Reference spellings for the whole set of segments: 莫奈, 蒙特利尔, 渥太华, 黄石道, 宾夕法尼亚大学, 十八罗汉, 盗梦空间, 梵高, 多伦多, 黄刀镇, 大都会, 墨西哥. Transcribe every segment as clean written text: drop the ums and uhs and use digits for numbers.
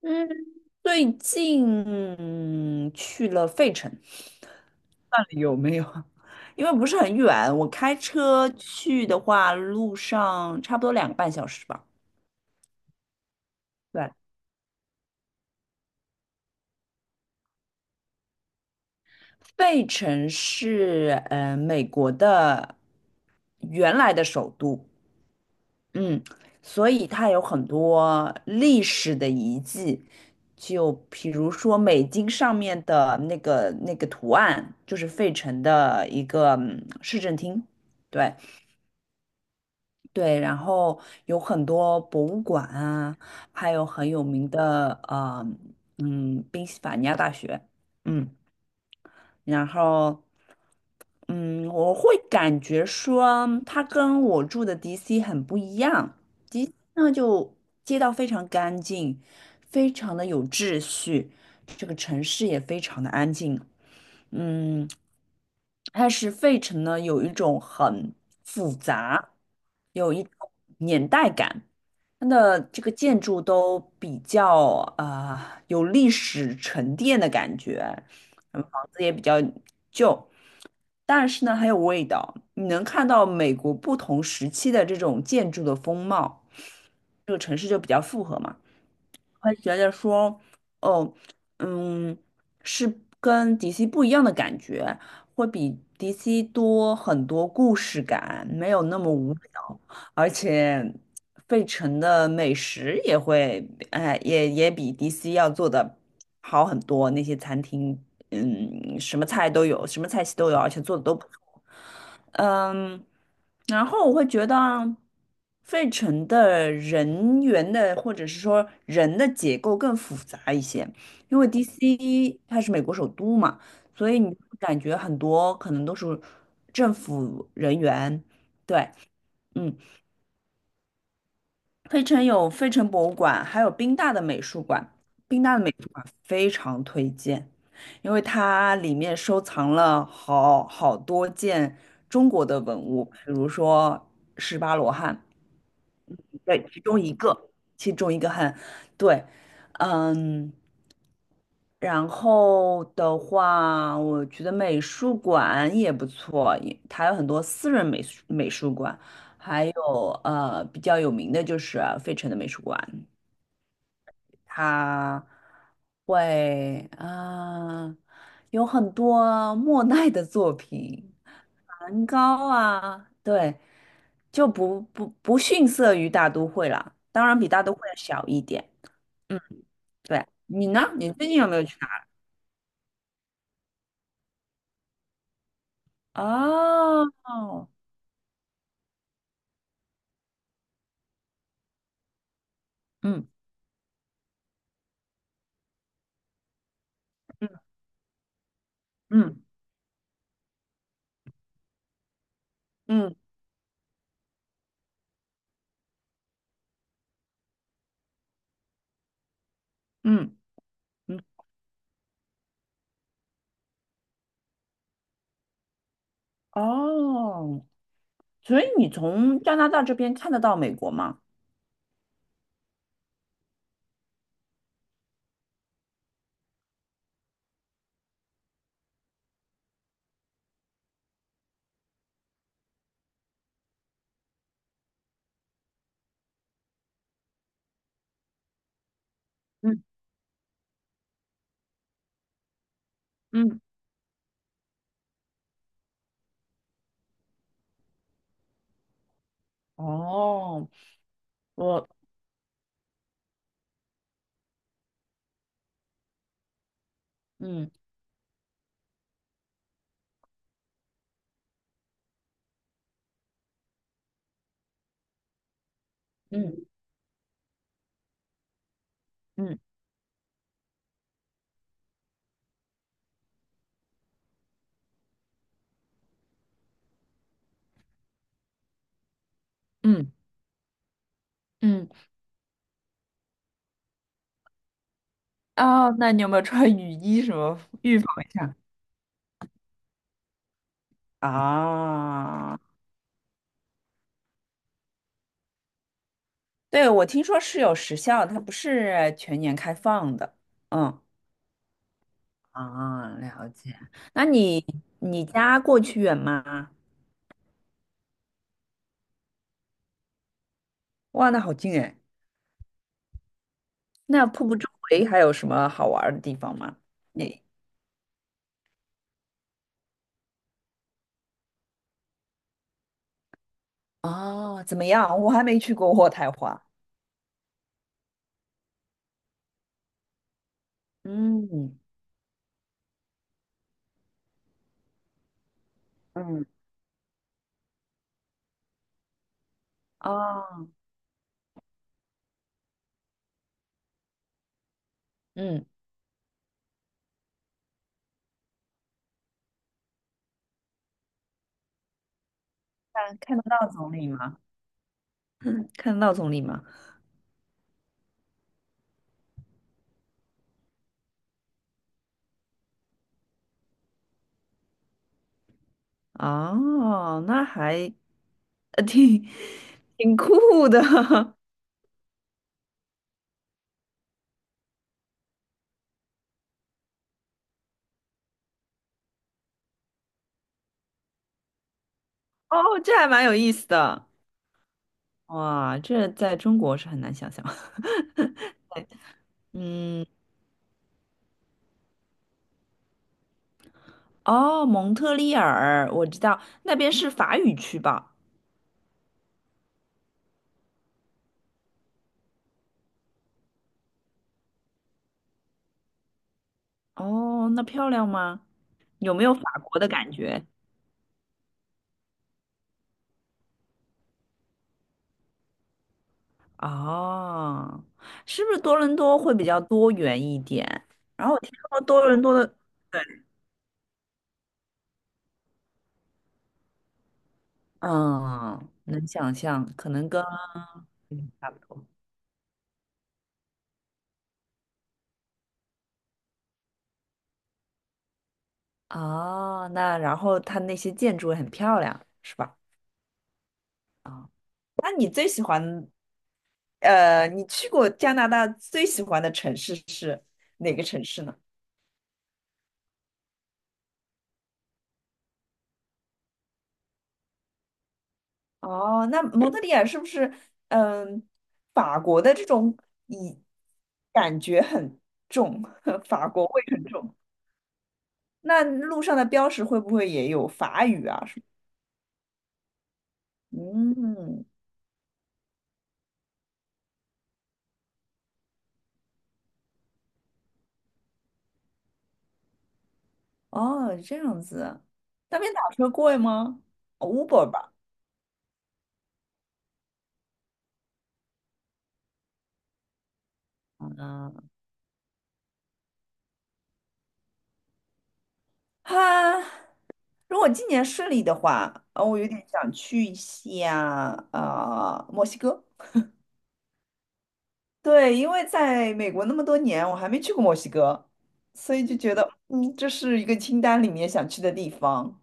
嗯，最近去了费城，那里有没有？因为不是很远，我开车去的话，路上差不多两个半小时吧。对，费城是美国的原来的首都，嗯，所以它有很多历史的遗迹，就比如说美金上面的那个图案，就是费城的一个市政厅。对，对，然后有很多博物馆啊，还有很有名的宾夕法尼亚大学，嗯。然后，嗯，我会感觉说它跟我住的 DC 很不一样。DC 呢，就街道非常干净，非常的有秩序，这个城市也非常的安静。嗯，但是费城呢，有一种很复杂，有一种年代感。它的这个建筑都比较有历史沉淀的感觉，子也比较旧，但是呢很有味道。你能看到美国不同时期的这种建筑的风貌，这个城市就比较复合嘛。会觉得说，哦，嗯，是跟 DC 不一样的感觉，会比 DC 多很多故事感，没有那么无聊，而且费城的美食也会，哎，也比 DC 要做的好很多，那些餐厅，嗯，什么菜都有，什么菜系都有，而且做的都不嗯，然后我会觉得费城的人员的或者是说人的结构更复杂一些，因为 DC 它是美国首都嘛，所以你会感觉很多可能都是政府人员，对。嗯。费城有费城博物馆，还有宾大的美术馆。宾大的美术馆非常推荐，因为它里面收藏了好好多件中国的文物，比如说十八罗汉，对，其中一个，其中一个汉，对，嗯，然后的话，我觉得美术馆也不错，也它有很多私人美术馆，还有比较有名的就是费城的美术馆。他会有很多莫奈的作品，梵高啊，对，就不逊色于大都会了。当然比大都会小一点。嗯，对，你呢？你最近有没有去哪？哦，嗯，嗯，嗯，嗯，嗯，嗯，哦，所以你从加拿大这边看得到美国吗？嗯，嗯，哦，我嗯，嗯，嗯。嗯，嗯，哦，那你有没有穿雨衣什么预防一下？啊，对，我听说是有时效，它不是全年开放的。嗯，啊，了解。那你你家过去远吗？哇，那好近哎。那瀑布周围还有什么好玩儿的地方吗？你哦，怎么样？我还没去过渥太华。嗯，嗯，哦，嗯，看得到总理吗？看得到总理吗？哦，那还呃挺挺酷的 哦，这还蛮有意思的。哇，这在中国是很难想象。嗯，哦，蒙特利尔，我知道那边是法语区吧？哦，那漂亮吗？有没有法国的感觉？哦，是不是多伦多会比较多元一点？然后我听说多伦多的，嗯，能想象，可能跟嗯差不多。哦，那然后它那些建筑也很漂亮，是吧？啊、那你最喜欢，你去过加拿大最喜欢的城市是哪个城市呢？哦，那蒙特利尔是不是，嗯，法国的这种以感觉很重，法国味很重。那路上的标识会不会也有法语啊什么？嗯，哦，这样子，那边打车贵吗？Uber 吧。嗯，哈，如果今年顺利的话，我有点想去一下墨西哥。对，因为在美国那么多年，我还没去过墨西哥，所以就觉得，嗯，这是一个清单里面想去的地方。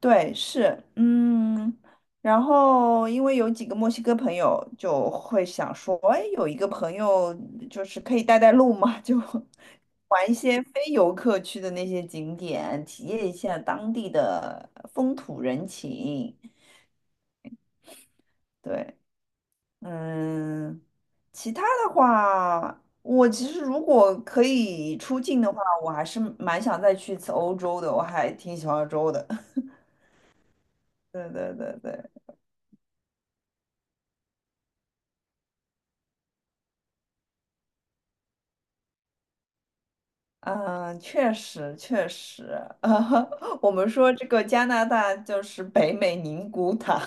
对，是，嗯，然后因为有几个墨西哥朋友，就会想说，哎，有一个朋友就是可以带路嘛，就 玩一些非游客去的那些景点，体验一下当地的风土人情。对，嗯，其他的话，我其实如果可以出境的话，我还是蛮想再去一次欧洲的，我还挺喜欢欧洲的。对对对对，嗯，确实确实，啊，我们说这个加拿大就是北美宁古塔，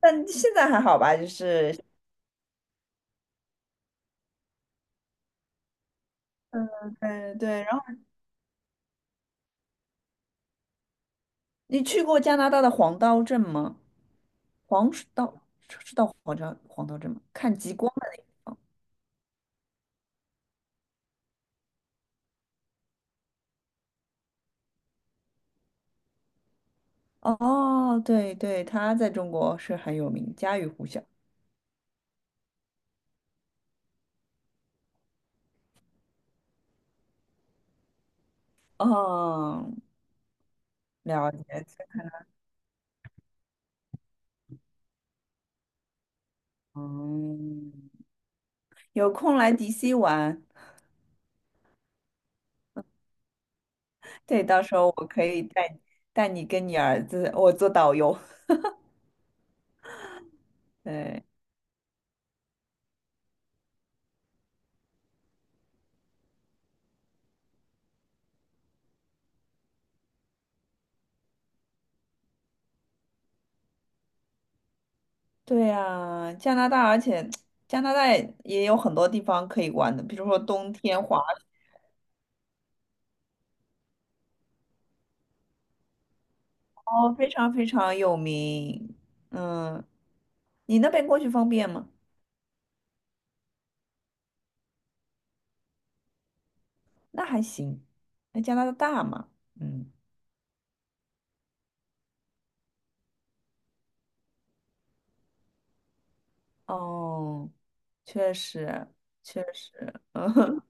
但现在还好吧，就是，嗯对。然后你去过加拿大的黄刀镇吗？黄石道是到黄刀镇吗？看极光。哦，对对，他在中国是很有名，家喻户晓。嗯，了解。嗯，有空来DC 玩，对，到时候我可以带你跟你儿子，我做导游。对，对呀，加拿大，而且加拿大也有很多地方可以玩的，比如说冬天华，哦，非常非常有名。嗯，你那边过去方便吗？那还行，那加拿大大嘛，嗯，哦。确实，确实，嗯，